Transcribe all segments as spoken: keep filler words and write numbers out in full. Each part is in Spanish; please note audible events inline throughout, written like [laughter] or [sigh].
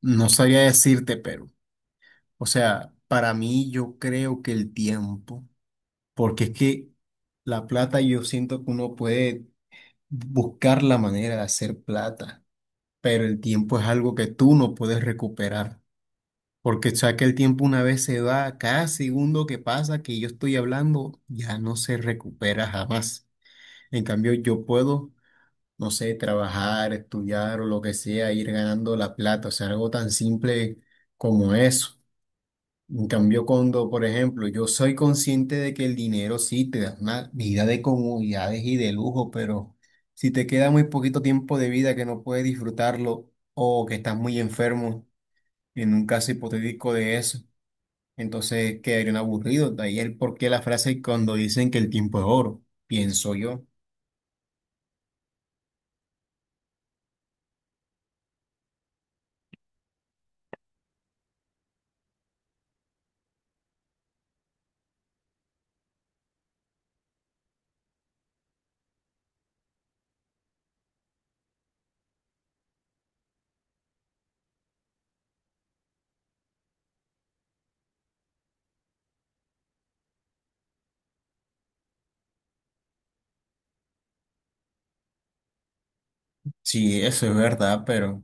No sabría decirte, pero, o sea, para mí yo creo que el tiempo, porque es que la plata yo siento que uno puede buscar la manera de hacer plata, pero el tiempo es algo que tú no puedes recuperar, porque o sea que el tiempo una vez se va, cada segundo que pasa que yo estoy hablando ya no se recupera jamás. En cambio, yo puedo, no sé, trabajar, estudiar o lo que sea, ir ganando la plata, o sea, algo tan simple como eso. En cambio, cuando, por ejemplo, yo soy consciente de que el dinero sí te da una vida de comodidades y de lujo, pero si te queda muy poquito tiempo de vida que no puedes disfrutarlo o que estás muy enfermo, en un caso hipotético de eso, entonces quedarían aburridos. De ahí el porqué la frase cuando dicen que el tiempo es oro, pienso yo. Sí, eso es verdad, pero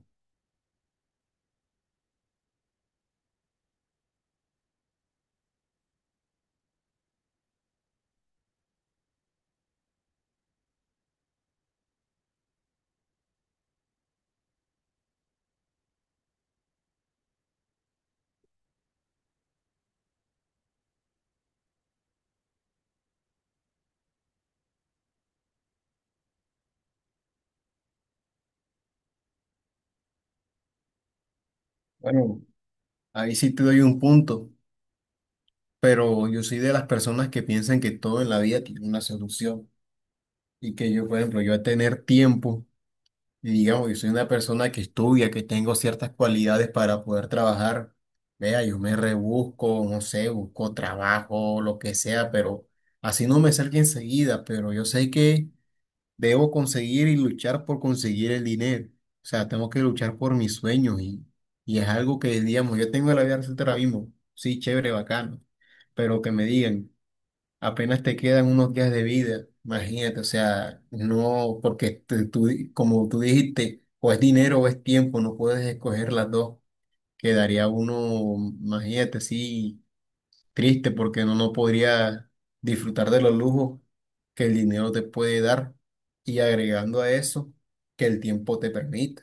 bueno, ahí sí te doy un punto, pero yo soy de las personas que piensan que todo en la vida tiene una solución. Y que yo, por ejemplo, yo a tener tiempo, y digamos, yo soy una persona que estudia, que tengo ciertas cualidades para poder trabajar, vea, yo me rebusco, no sé, busco trabajo, lo que sea, pero así no me salga enseguida, pero yo sé que debo conseguir y luchar por conseguir el dinero. O sea, tengo que luchar por mis sueños y, y es algo que, digamos, yo tengo la vida ahora mismo, sí, chévere, bacano, pero que me digan apenas te quedan unos días de vida, imagínate, o sea, no, porque te- tú di- como tú dijiste, o es dinero o es tiempo, no puedes escoger las dos, quedaría uno, imagínate, sí, triste porque no, no podría disfrutar de los lujos que el dinero te puede dar y agregando a eso que el tiempo te permite.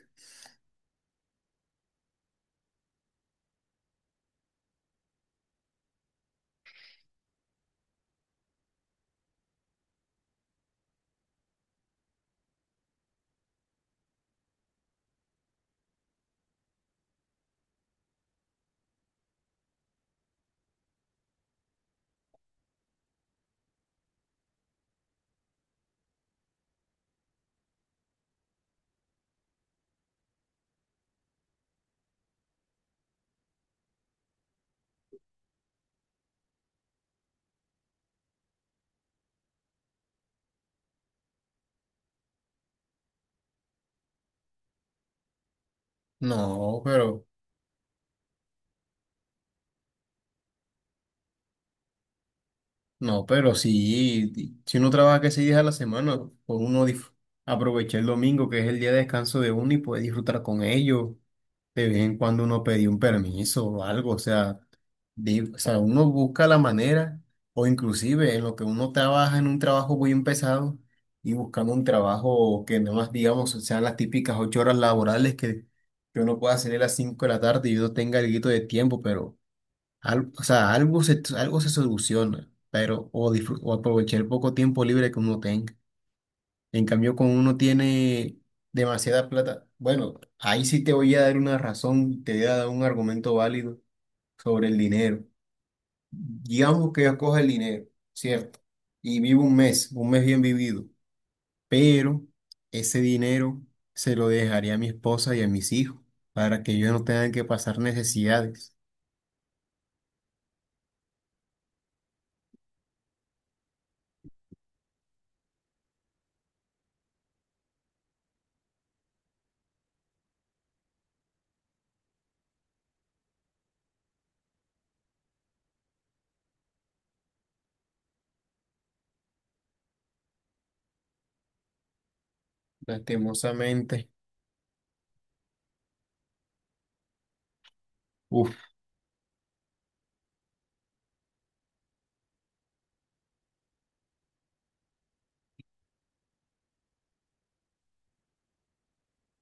No, pero. No, pero sí, si uno trabaja que seis días a la semana, por uno dif- aprovecha el domingo, que es el día de descanso de uno, y puede disfrutar con ellos. De vez en cuando uno pedía un permiso o algo, o sea, di- o sea, uno busca la manera, o inclusive en lo que uno trabaja en un trabajo muy pesado y buscando un trabajo que nada más, digamos, sean las típicas ocho horas laborales que, que uno pueda salir a las cinco de la tarde y uno tenga algo de tiempo, pero. Al- o sea, algo se, algo se soluciona, pero o, disfru- o aprovechar el poco tiempo libre que uno tenga. En cambio, cuando uno tiene demasiada plata, bueno, ahí sí te voy a dar una razón, te voy a dar un argumento válido sobre el dinero. Digamos que yo cojo el dinero, ¿cierto? Y vivo un mes, un mes bien vivido, pero ese dinero se lo dejaría a mi esposa y a mis hijos para que ellos no tengan que pasar necesidades. Lastimosamente, uff,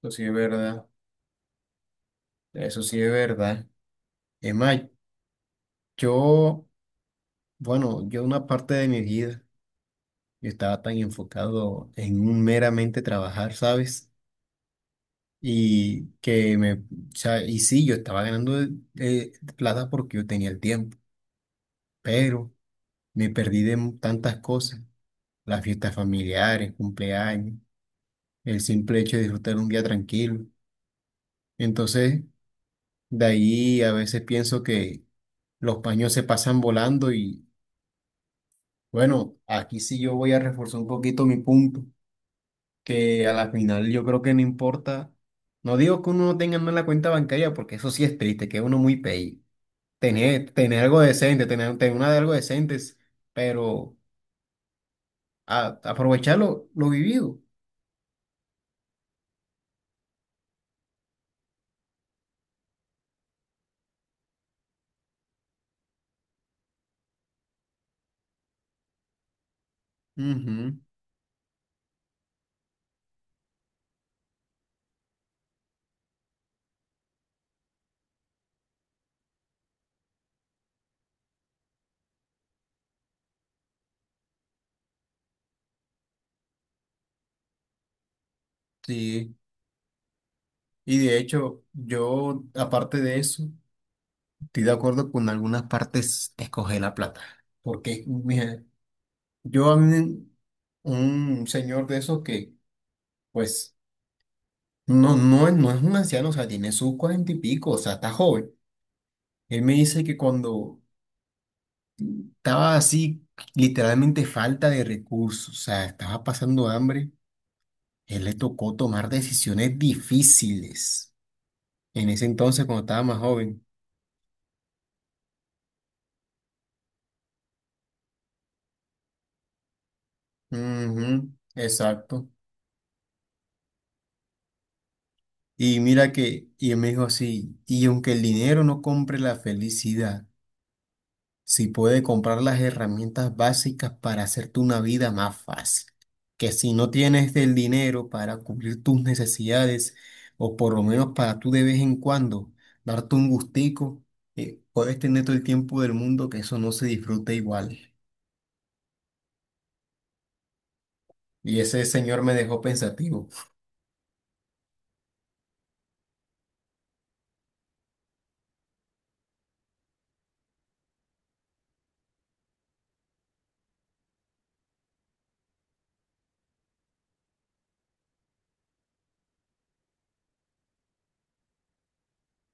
eso sí es verdad. Eso sí es verdad. Es más, yo, bueno, yo una parte de mi vida yo estaba tan enfocado en un meramente trabajar, ¿sabes? Y que me, o sea, y sí, yo estaba ganando eh, plata porque yo tenía el tiempo, pero me perdí de mu- tantas cosas, las fiestas familiares, cumpleaños, el simple hecho de disfrutar un día tranquilo. Entonces, de ahí a veces pienso que los paños se pasan volando. Bueno, aquí sí yo voy a reforzar un poquito mi punto, que a la final yo creo que no importa, no digo que uno no tenga en la cuenta bancaria, porque eso sí es triste, que uno muy pay, tener, tener algo decente, tener, tener una de algo decente, pero a- aprovechar lo, lo vivido. Ujú, sí, y de hecho yo, aparte de eso, estoy de acuerdo con algunas partes, escoger la plata, porque mira, yo a mí, un señor de esos que, pues, no, no, es- no es un anciano, o sea, tiene sus cuarenta y pico, o sea, está joven. Él me dice que cuando estaba así, literalmente falta de recursos, o sea, estaba pasando hambre, él le tocó tomar decisiones difíciles en ese entonces cuando estaba más joven. Ujú, exacto. Y mira que, y él me dijo así, y aunque el dinero no compre la felicidad, si puede comprar las herramientas básicas para hacerte una vida más fácil. Que si no tienes el dinero para cubrir tus necesidades, o por lo menos para tú de vez en cuando darte un gustico, eh, puedes tener todo el tiempo del mundo que eso no se disfruta igual. Y ese señor me dejó pensativo.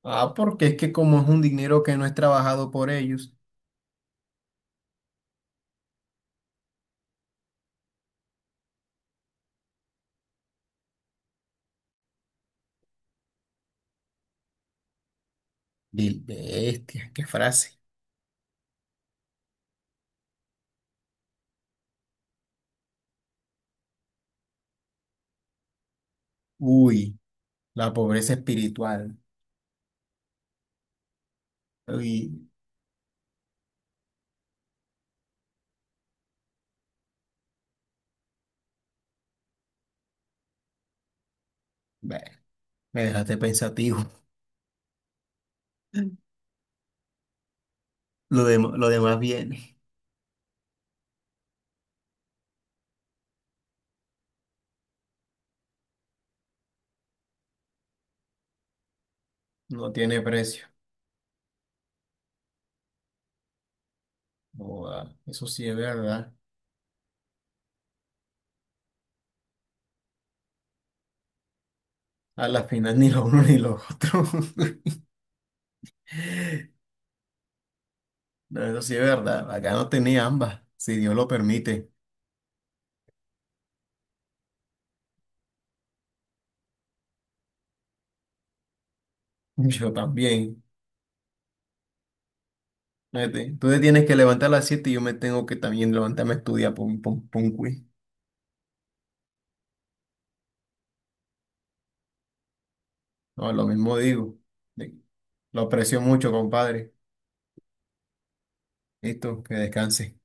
Ah, porque es que como es un dinero que no es trabajado por ellos. Vil- bestia, qué frase. Uy, la pobreza espiritual. Uy, bueno, me dejaste pensativo. Lo dem- lo demás viene. No tiene precio. Joda, eso sí es verdad. A la final ni lo uno ni lo otro. [laughs] No, eso sí es verdad. Acá no tenía ambas, si Dios lo permite. Yo también. Fíjate, tú te tienes que levantar a las siete y yo me tengo que también levantarme a estudiar pum, pum, pum, quiz. No, lo mismo digo. De- Lo aprecio mucho, compadre. Listo, que descanse.